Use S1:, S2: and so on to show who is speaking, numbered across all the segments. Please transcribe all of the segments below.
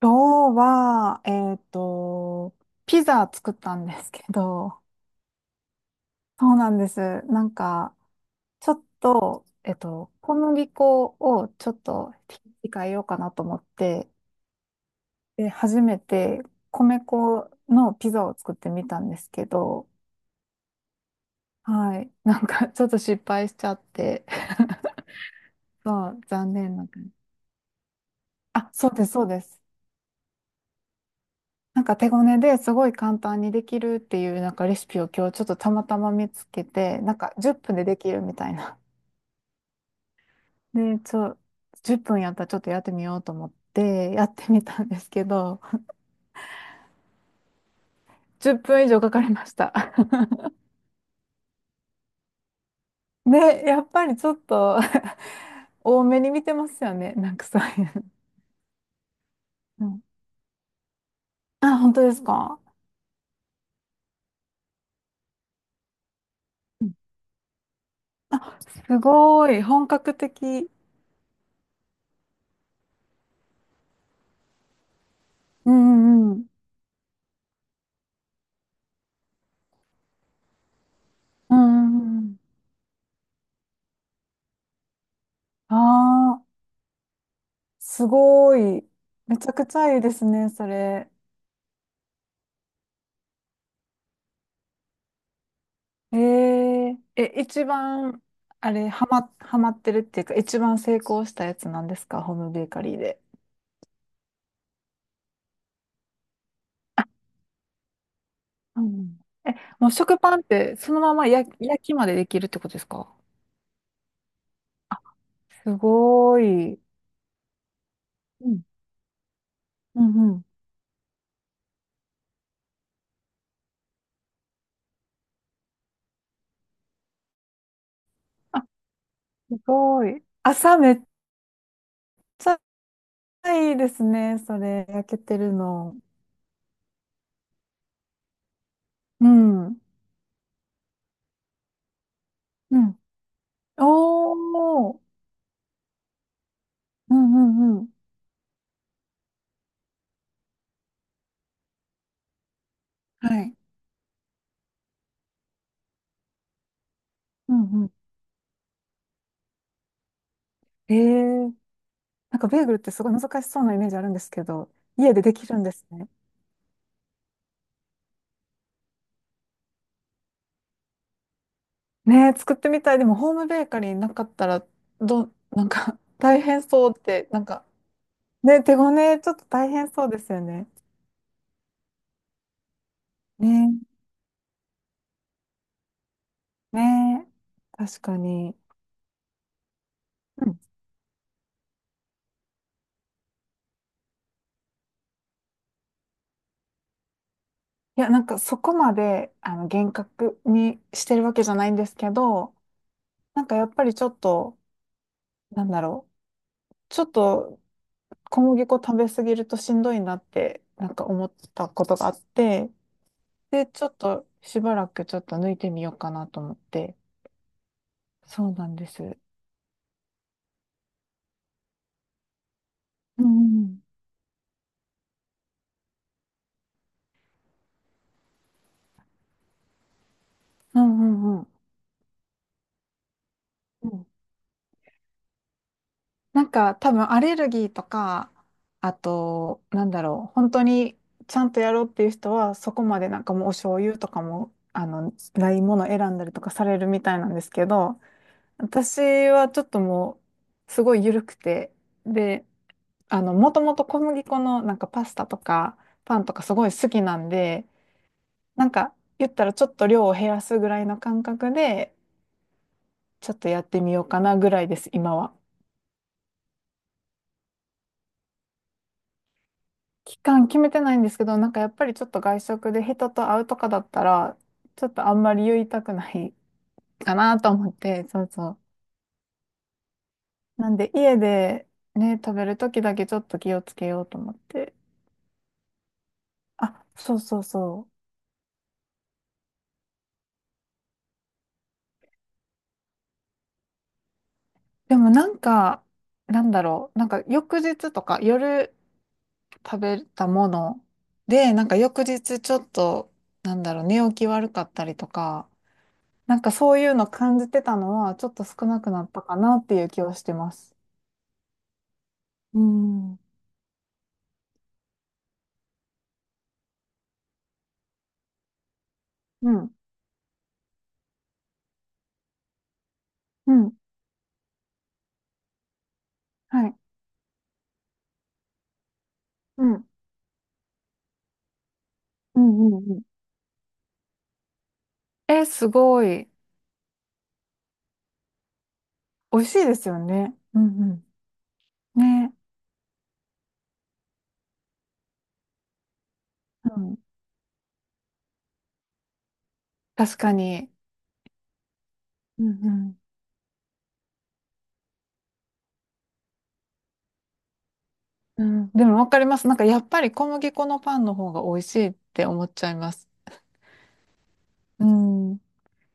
S1: 今日は、ピザ作ったんですけど、そうなんです。なんか、ちょっと、小麦粉をちょっと控えようかなと思って、で、初めて米粉のピザを作ってみたんですけど、はい。なんか、ちょっと失敗しちゃって、まあ、残念な感じ。あ、そうです、そうです。なんか手ごねですごい簡単にできるっていうなんかレシピを今日ちょっとたまたま見つけて、なんか10分でできるみたいな。で、10分やったらちょっとやってみようと思ってやってみたんですけど、10分以上かかりました。ね、やっぱりちょっと 多めに見てますよね。なんかそういう。うん。あ、本当ですか？うん。あ、すごい。本格的。うんうんうん。うんうんうん。ああ。すごい。めちゃくちゃいいですね、それ。え、一番、あれ、ハマってるっていうか、一番成功したやつなんですか、ホームベーカリーで。うん。え、もう食パンってそのまま焼きまでできるってことですか？あ、すごい。うん。うんうん。あ、すごい。朝めっちゃいいですね、それ、焼けてるの。うん。うん。おー。うんうんうん。はい。うんうん。ええ。なんかベーグルってすごい難しそうなイメージあるんですけど、家でできるんですね。ねえ、作ってみたい。でもホームベーカリーなかったら、なんか 大変そうって、なんか、ね、手ごね、ちょっと大変そうですよね。ねえ、ねえ、確かに。うん。いや、なんかそこまで、あの、厳格にしてるわけじゃないんですけど、なんかやっぱりちょっと、なんだろう、ちょっと小麦粉食べ過ぎるとしんどいなって、なんか思ったことがあって、で、ちょっとしばらくちょっと抜いてみようかなと思って。そうなんです。うんうんうんうんうん。なんか多分アレルギーとか、あと、なんだろう、本当にちゃんとやろうっていう人は、そこまでなんかもうお醤油とかも、あの、ないものを選んだりとかされるみたいなんですけど、私はちょっともう、すごい緩くて、で、あの、もともと小麦粉のなんかパスタとか、パンとかすごい好きなんで、なんか言ったらちょっと量を減らすぐらいの感覚でちょっとやってみようかなぐらいです今は。期間決めてないんですけど、なんかやっぱりちょっと外食で人と会うとかだったらちょっとあんまり言いたくないかなと思って。そうそう。なんで家でね、食べる時だけちょっと気をつけようと思って。あ、そうそうそう。でもなんか、なんだろう、なんか翌日とか夜食べたもので、なんか翌日ちょっと、なんだろう、寝起き悪かったりとか、なんかそういうの感じてたのは、ちょっと少なくなったかなっていう気はしてます。うん。うん、うん、はい、うん、うん、うん、うん。え、すごい。美味しいですよね。うんうん。ね。うん。確かに。うんうん。うん。でもわかります。なんかやっぱり小麦粉のパンの方が美味しいって思っちゃいます。うん。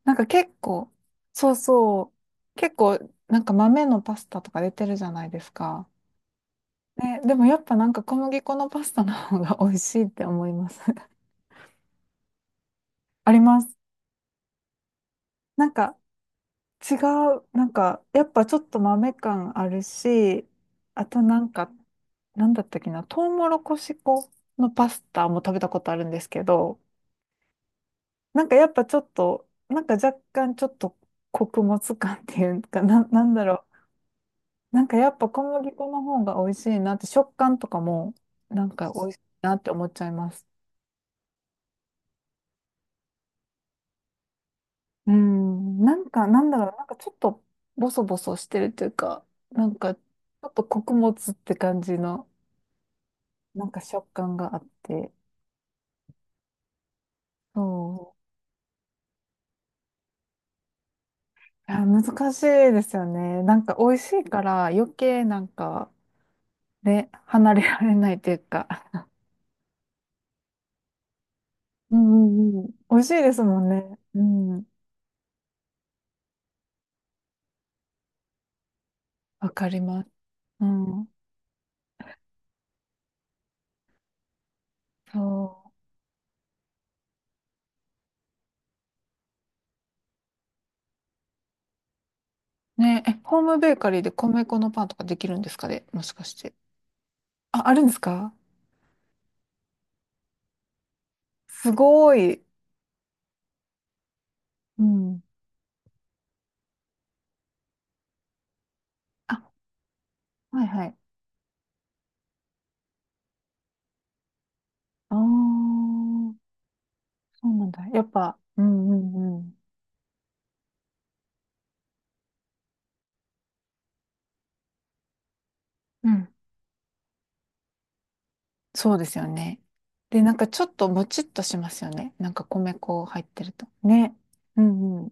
S1: なんか結構、そうそう、結構なんか豆のパスタとか出てるじゃないですか。ね、でもやっぱなんか小麦粉のパスタの方が美味しいって思います。あります。なんか違う、なんかやっぱちょっと豆感あるし、あとなんか、なんだったっけな、トウモロコシ粉のパスタも食べたことあるんですけど、なんかやっぱちょっと、なんか若干ちょっと穀物感っていうか、なんだろう。なんかやっぱ小麦粉の方が美味しいなって、食感とかもなんか美味しいなって思っちゃいます。うん、なんかなんだろう、なんかちょっとボソボソしてるっていうか、なんかちょっと穀物って感じのなんか食感があって、そう。いや、難しいですよね。なんか美味しいから余計なんか、ね、離れられないというか。うんうんうん。美味しいですもんね。うん。わかります。うん。そう。ねえ、ホームベーカリーで米粉のパンとかできるんですかね、もしかして。あ、あるんですか？すごい。うん。あ、はいはい。ああ、そうなんだ。やっぱ、うんうんうん。うん。そうですよね。で、なんかちょっともちっとしますよね。なんか米粉入ってると。ね。うんうん。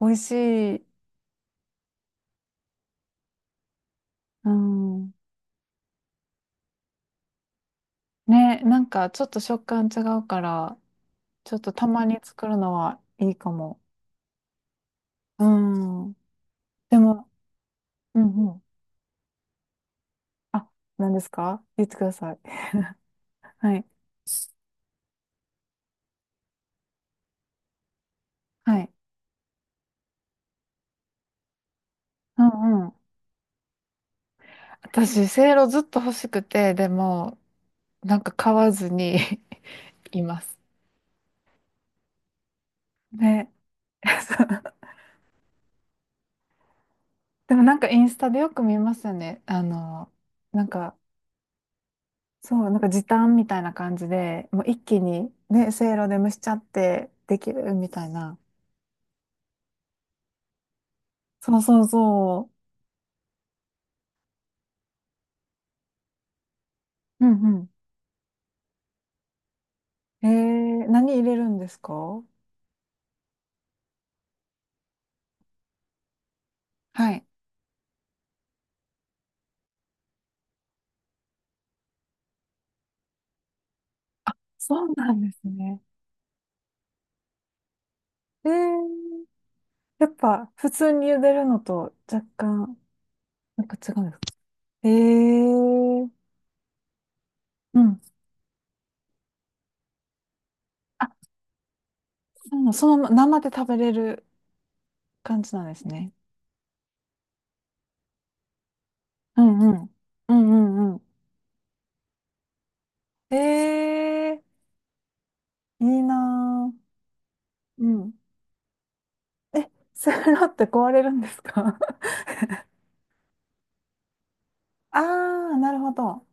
S1: 美味しい。うん。ね、なんかちょっと食感違うから、ちょっとたまに作るのはいいかも。うん。でも、うんうん。あ、何ですか？言ってください。はい。はい。うんうん。私、せいろずっと欲しくて、でも、なんか買わずに います。ね。そう。でもなんかインスタでよく見ますよね。あの、なんか、そう、なんか時短みたいな感じで、もう一気にね、せいろで蒸しちゃってできるみたいな。そうそうそう。うんうん。何入れるんですか？はい。そうなんですね。えーやっぱ、普通に茹でるのと若干、なんか違うんですか？ええー。うん。あ、そうなの、そのまま生で食べれる感じなんですね。うんうん。うんうんうん。ええー、いいなー。うん。え、セロって壊れるんですか？ ああー、なるほど。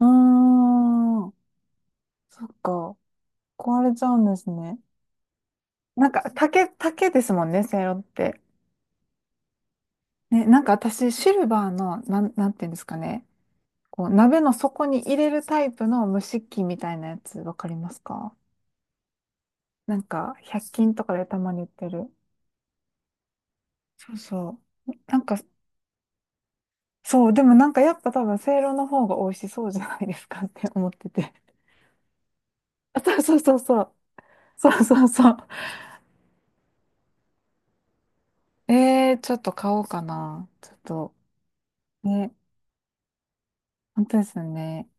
S1: うーん。そっか。壊れちゃうんですね。なんか、竹ですもんね、セイロって。ね、なんか私、シルバーの、なんていうんですかね。こう、鍋の底に入れるタイプの蒸し器みたいなやつ、わかりますか？なんか、100均とかでたまに売ってる。そうそう。なんか、そう、でもなんかやっぱ多分、せいろの方が美味しそうじゃないですかって思ってて。あ、そうそうそうそう。そうそうそう。えー、ちょっと買おうかな。ちょっと、ね、本当ですよね。